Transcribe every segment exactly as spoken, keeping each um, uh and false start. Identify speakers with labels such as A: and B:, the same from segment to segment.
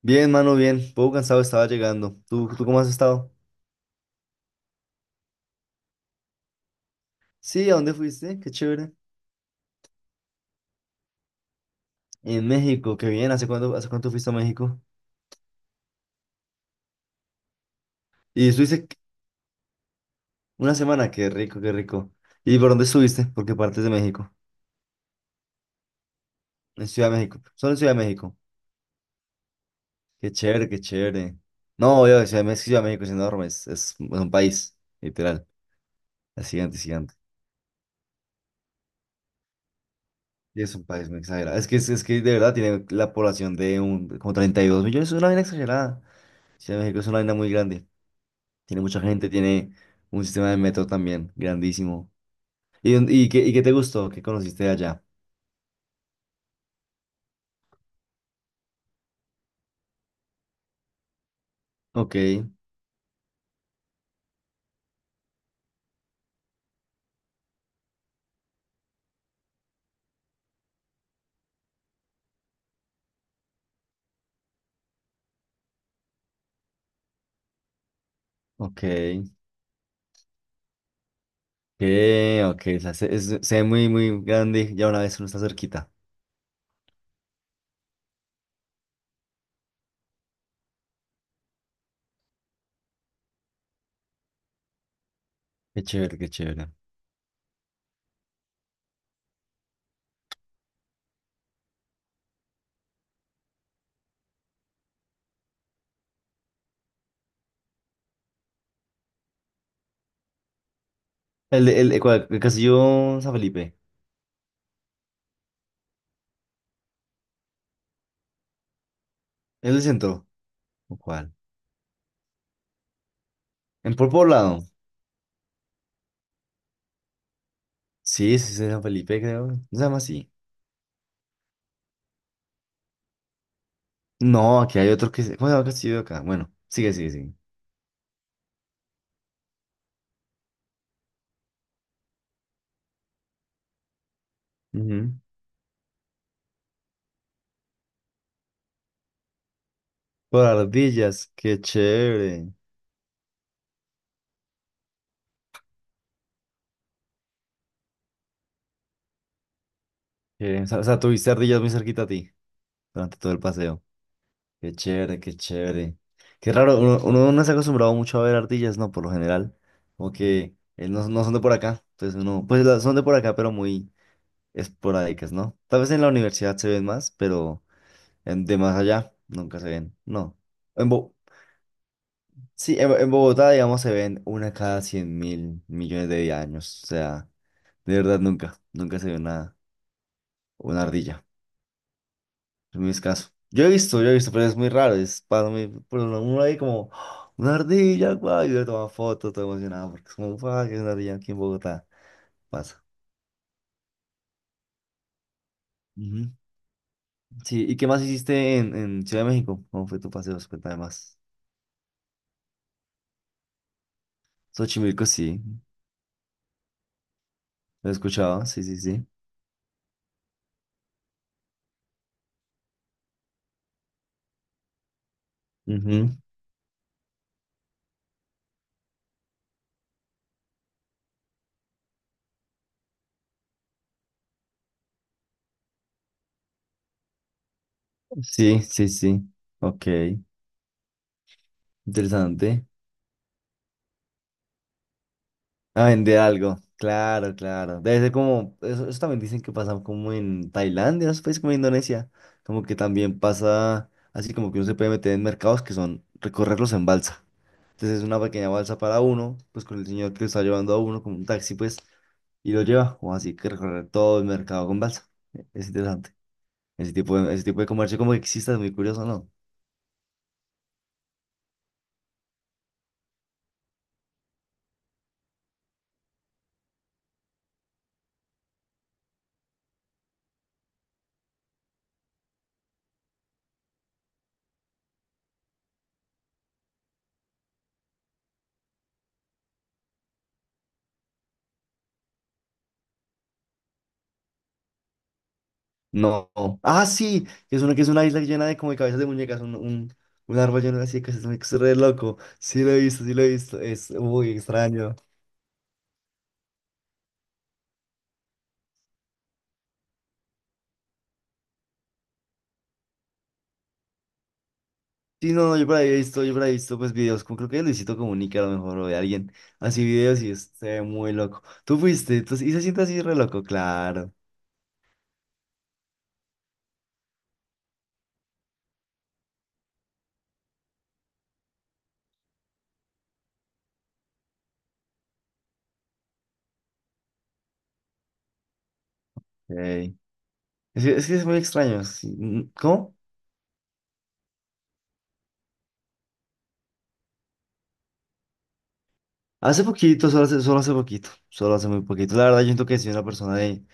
A: Bien, mano, bien. Poco cansado estaba llegando. ¿Tú, tú cómo has estado? Sí, ¿a dónde fuiste? Qué chévere. En México, qué bien. ¿Hace cuánto, hace cuánto fuiste a México? Y estuviste qu- una semana, qué rico, qué rico. ¿Y por dónde estuviste? ¿Por qué partes de México? En Ciudad de México. Solo en Ciudad de México. Qué chévere, qué chévere. No, yo, Ciudad de México, Ciudad de México es enorme. Es, es un país, literal. Es gigante, es gigante. Y es un país muy exagerado. Es que, es, es que de verdad tiene la población de un, como treinta y dos millones. Es una vaina exagerada. Ciudad de México es una vaina muy grande. Tiene mucha gente, tiene un sistema de metro también grandísimo. ¿Y, dónde- y, qué, y qué te gustó? ¿Qué conociste allá? Ok, ok, ok, ok. O sea, se, es- se ve muy, muy grande. Y ya una vez uno está cerquita. Qué chévere, qué chévere. ¿El, de- el, el, cuál? ¿El Castillo San Felipe? ¿Es el centro? ¿O cuál? ¿En por poblado? Sí, sí, es en San Felipe, creo. ¿No se llama así? No, aquí hay otro que… se- ¿Cómo se llama el castillo de acá? Bueno, sigue, sigue, sigue. Ujú. Por ardillas, qué chévere. Qué- O sea, o sea, tuviste ardillas muy cerquita a ti. Durante todo el paseo. Qué chévere, qué chévere. Qué raro, uno, uno no se ha acostumbrado mucho a ver ardillas, ¿no? Por lo general, como que eh, no, no son de por acá, entonces uno, pues la- son de por acá, pero muy esporádicas, ¿no? Tal vez en la universidad se ven más, pero en- de más allá nunca se ven, no. En Bo- sí, en, en Bogotá, digamos, se ven una cada cien mil millones de años, o sea, de verdad nunca, nunca se ve una, una ardilla. Es muy escaso. Yo he visto, yo he visto, pero es muy raro. Es para mí, por uno uno ahí como, ¡ah!, una ardilla, guay, y yo tomo foto, todo emocionado, porque es como, guay, que es una ardilla aquí en Bogotá. Pasa. Ujú. Sí, ¿y qué más hiciste en, en Ciudad de México? ¿Cómo fue tu paseo? Cuéntame más. Xochimilco, sí, lo he escuchado, sí, sí, sí. Ujú. Sí, sí, sí. Ok, interesante. A vender algo. Claro, claro. Debe ser como, eso, eso también dicen que pasa como en Tailandia, esos países como Indonesia. Como que también pasa así como que uno se puede meter en mercados que son recorrerlos en balsa. Entonces es una pequeña balsa para uno, pues con el señor que lo está llevando a uno, como un taxi, pues, y lo lleva. O así que recorrer todo el mercado con balsa. Es interesante. Ese tipo de, ese tipo de comercio como que existe, es muy curioso, ¿no? No. Ah, sí, que es una, que es una isla llena de como de cabezas de muñecas, un, un, un árbol lleno de así de cabezas de muñecas, es re loco. Sí lo he visto, sí lo he visto, es muy extraño. Sí, no, no, yo por ahí he visto, yo por ahí he visto pues videos, como creo que de Luisito Comunica a lo mejor, o de alguien, así videos y es, se ve muy loco. Tú fuiste, entonces, y se siente así re loco, claro. Ok. Es, que es que es muy extraño. Sí, mm, ¿cómo? Hace poquito, solo hace, solo hace poquito, solo hace muy poquito. La verdad, yo siento que sí soy una persona de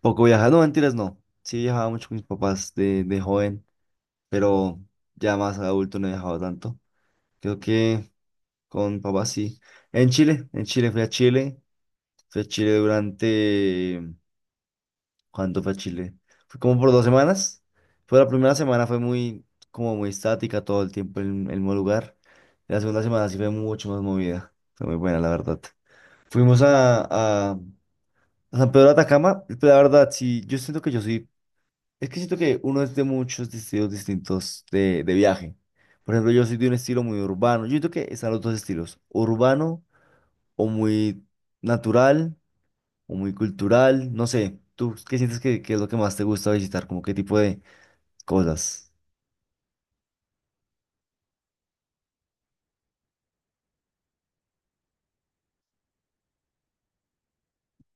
A: poco viajada. No, mentiras, no. Sí viajaba mucho con mis papás de, de joven. Pero ya más adulto no he viajado tanto. Creo que con papá sí. En Chile, en Chile fui a Chile, fui a Chile durante… ¿Cuánto fue a Chile? Fue como por dos semanas. Fue la primera semana, fue muy, como muy estática todo el tiempo en el mismo lugar. La segunda semana sí fue mucho más movida. Fue muy buena, la verdad. Fuimos a, a a San Pedro de Atacama, la verdad, sí, yo siento que yo sí. Es que siento que uno es de muchos estilos distintos de, de viaje. Por ejemplo, yo soy de un estilo muy urbano. Yo siento que están los dos estilos, urbano o muy natural o muy cultural. No sé, ¿tú qué sientes que, que es lo que más te gusta visitar? ¿Como qué tipo de cosas?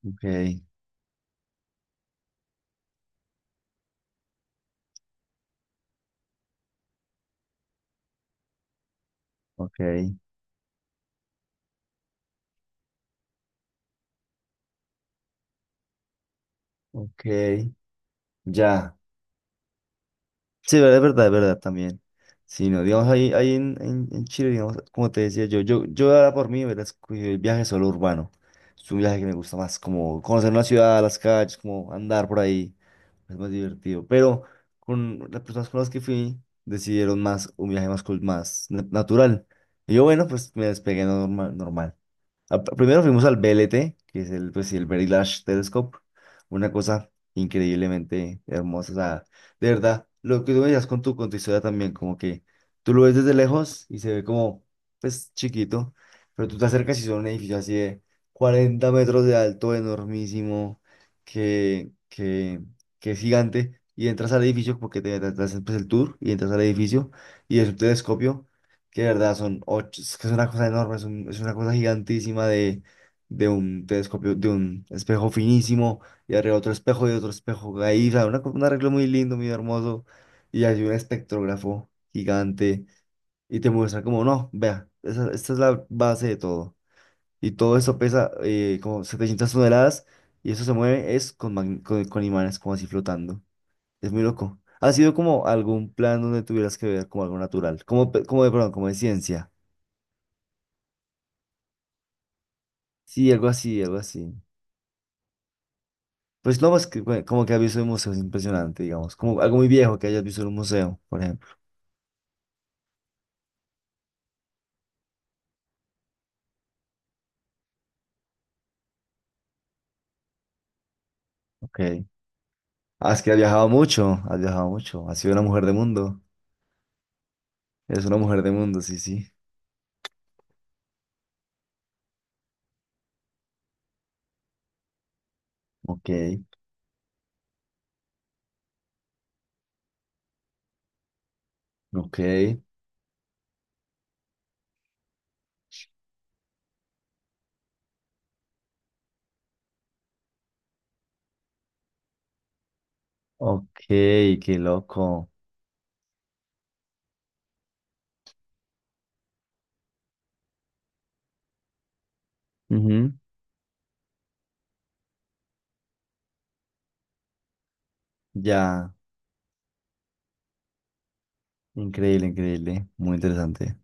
A: Ok, ok, ok. Ya. Sí, verdad, es verdad, es verdad también. Sí, no, digamos, ahí, ahí en, en, en Chile, digamos, como te decía yo, yo, yo ahora por mí hubiera escogido el viaje solo urbano. Es un viaje que me gusta más, como conocer una ciudad, las calles, como andar por ahí. Es más divertido. Pero con las personas con las que fui, decidieron más un viaje más, cul- más na- natural. Y yo, bueno, pues me despegué normal, normal. A- Primero fuimos al B L T, que es el, pues, sí, el Very Large Telescope, una cosa increíblemente hermosa. O sea, de verdad, lo que tú me decías con tu, con tu historia también, como que tú lo ves desde lejos y se ve como, pues, chiquito, pero tú te acercas y son un edificio así de cuarenta metros de alto, enormísimo, que, que, que es gigante, y entras al edificio porque te, te- te hacen pues, el tour y entras al edificio y es un telescopio que de verdad son ocho, es que es una cosa enorme, es, un- es una cosa gigantísima de, de un telescopio, de un espejo finísimo, y arriba otro espejo y otro espejo ahí, o sea, una co- un arreglo muy lindo, muy hermoso, y hay un espectrógrafo gigante, y te muestra como, no, vea, esa- esta es la base de todo, y todo eso pesa eh, como setecientas toneladas, y eso se mueve es con, mag- con, con imanes como así flotando, es muy loco. ¿Ha sido como algún plan donde tuvieras que ver como algo natural, como, pe- como de, perdón, como de ciencia? Sí, algo así, algo así. Pues no más que bueno, como que ha visto en museos impresionante, digamos. Como algo muy viejo que hayas visto en un museo, por ejemplo. Ok. Ah, es que has viajado mucho, has viajado mucho. Has sido una mujer de mundo. Eres una mujer de mundo, sí, sí. Ok, ok, ok, qué loco. Ujú. Ya, increíble, increíble. Muy interesante.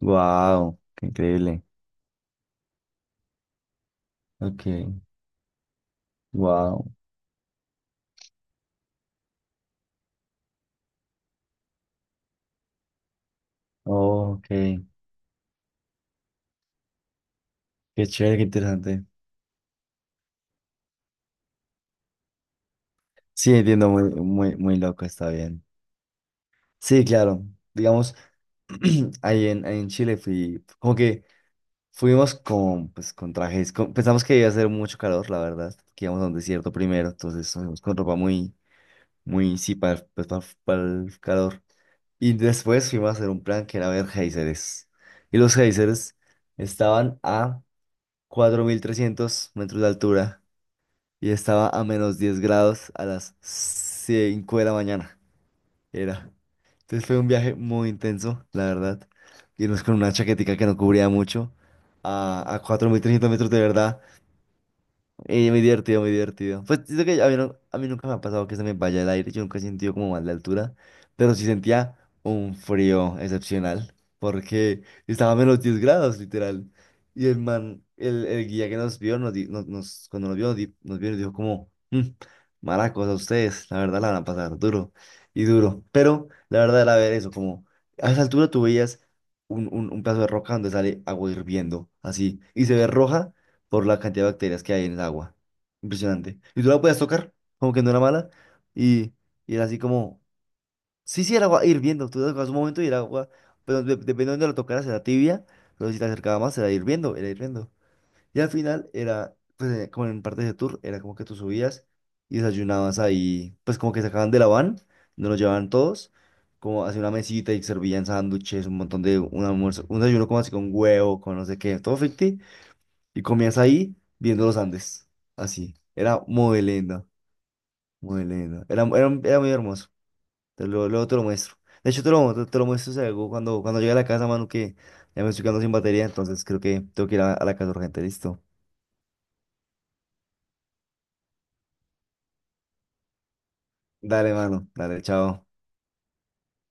A: Wow, qué increíble. Ok, wow. Oh, ok, qué chévere, qué interesante. Sí, entiendo, muy, muy, muy loco, está bien. Sí, claro. Digamos, ahí en, ahí en Chile fui, como que fuimos con, pues, con trajes, con- pensamos que iba a hacer mucho calor, la verdad, que íbamos a un desierto primero, entonces fuimos con ropa muy, muy, sí, para, pues, para, para el calor. Y después fuimos a hacer un plan que era ver géiseres. Y los géiseres estaban a cuatro mil trescientos metros de altura y estaba a menos diez grados a las cinco de la mañana. Era. Entonces fue un viaje muy intenso, la verdad. Irnos con una chaquetica que no cubría mucho a, a cuatro mil trescientos metros de verdad. Y muy divertido, muy divertido. Pues siento que a mí, no- a mí nunca me ha pasado que se me vaya el aire, yo nunca he sentido como mal de altura, pero sí sentía un frío excepcional, porque estaba a menos diez grados, literal. Y el man, el, el guía que nos vio, nos, di- nos, nos- cuando nos vio, nos, di- nos vio, y nos dijo como: "Mm, maracos, a ustedes, la verdad la van a pasar duro y duro". Pero la verdad era ver eso, como a esa altura tú veías un, un, un pedazo de roca donde sale agua hirviendo, así, y se ve roja por la cantidad de bacterias que hay en el agua. Impresionante. Y tú la puedes tocar, como que no era mala, y, y era así como, sí, sí, el agua hirviendo, tú la tocabas un momento y el agua, pero de- depende de dónde la tocaras, era tibia, pero si te acercaba más, era hirviendo, era hirviendo. Y al final era, pues eh, como en partes de tour, era como que tú subías y desayunabas ahí, pues como que sacaban de la van, no los llevaban todos, como hacia una mesita y servían sándwiches, un montón de un almuerzo, un desayuno como así con huevo, con no sé qué, todo ficti. Y comías ahí viendo los Andes. Así. Era muy lindo. Muy lindo. Era, era, era muy hermoso. Te lo, luego te lo muestro. De hecho, te lo, te, te lo muestro si algo cuando, cuando llegue a la casa, mano, que ya me estoy quedando sin batería. Entonces creo que tengo que ir a, a la casa urgente. Listo. Dale, mano. Dale, chao.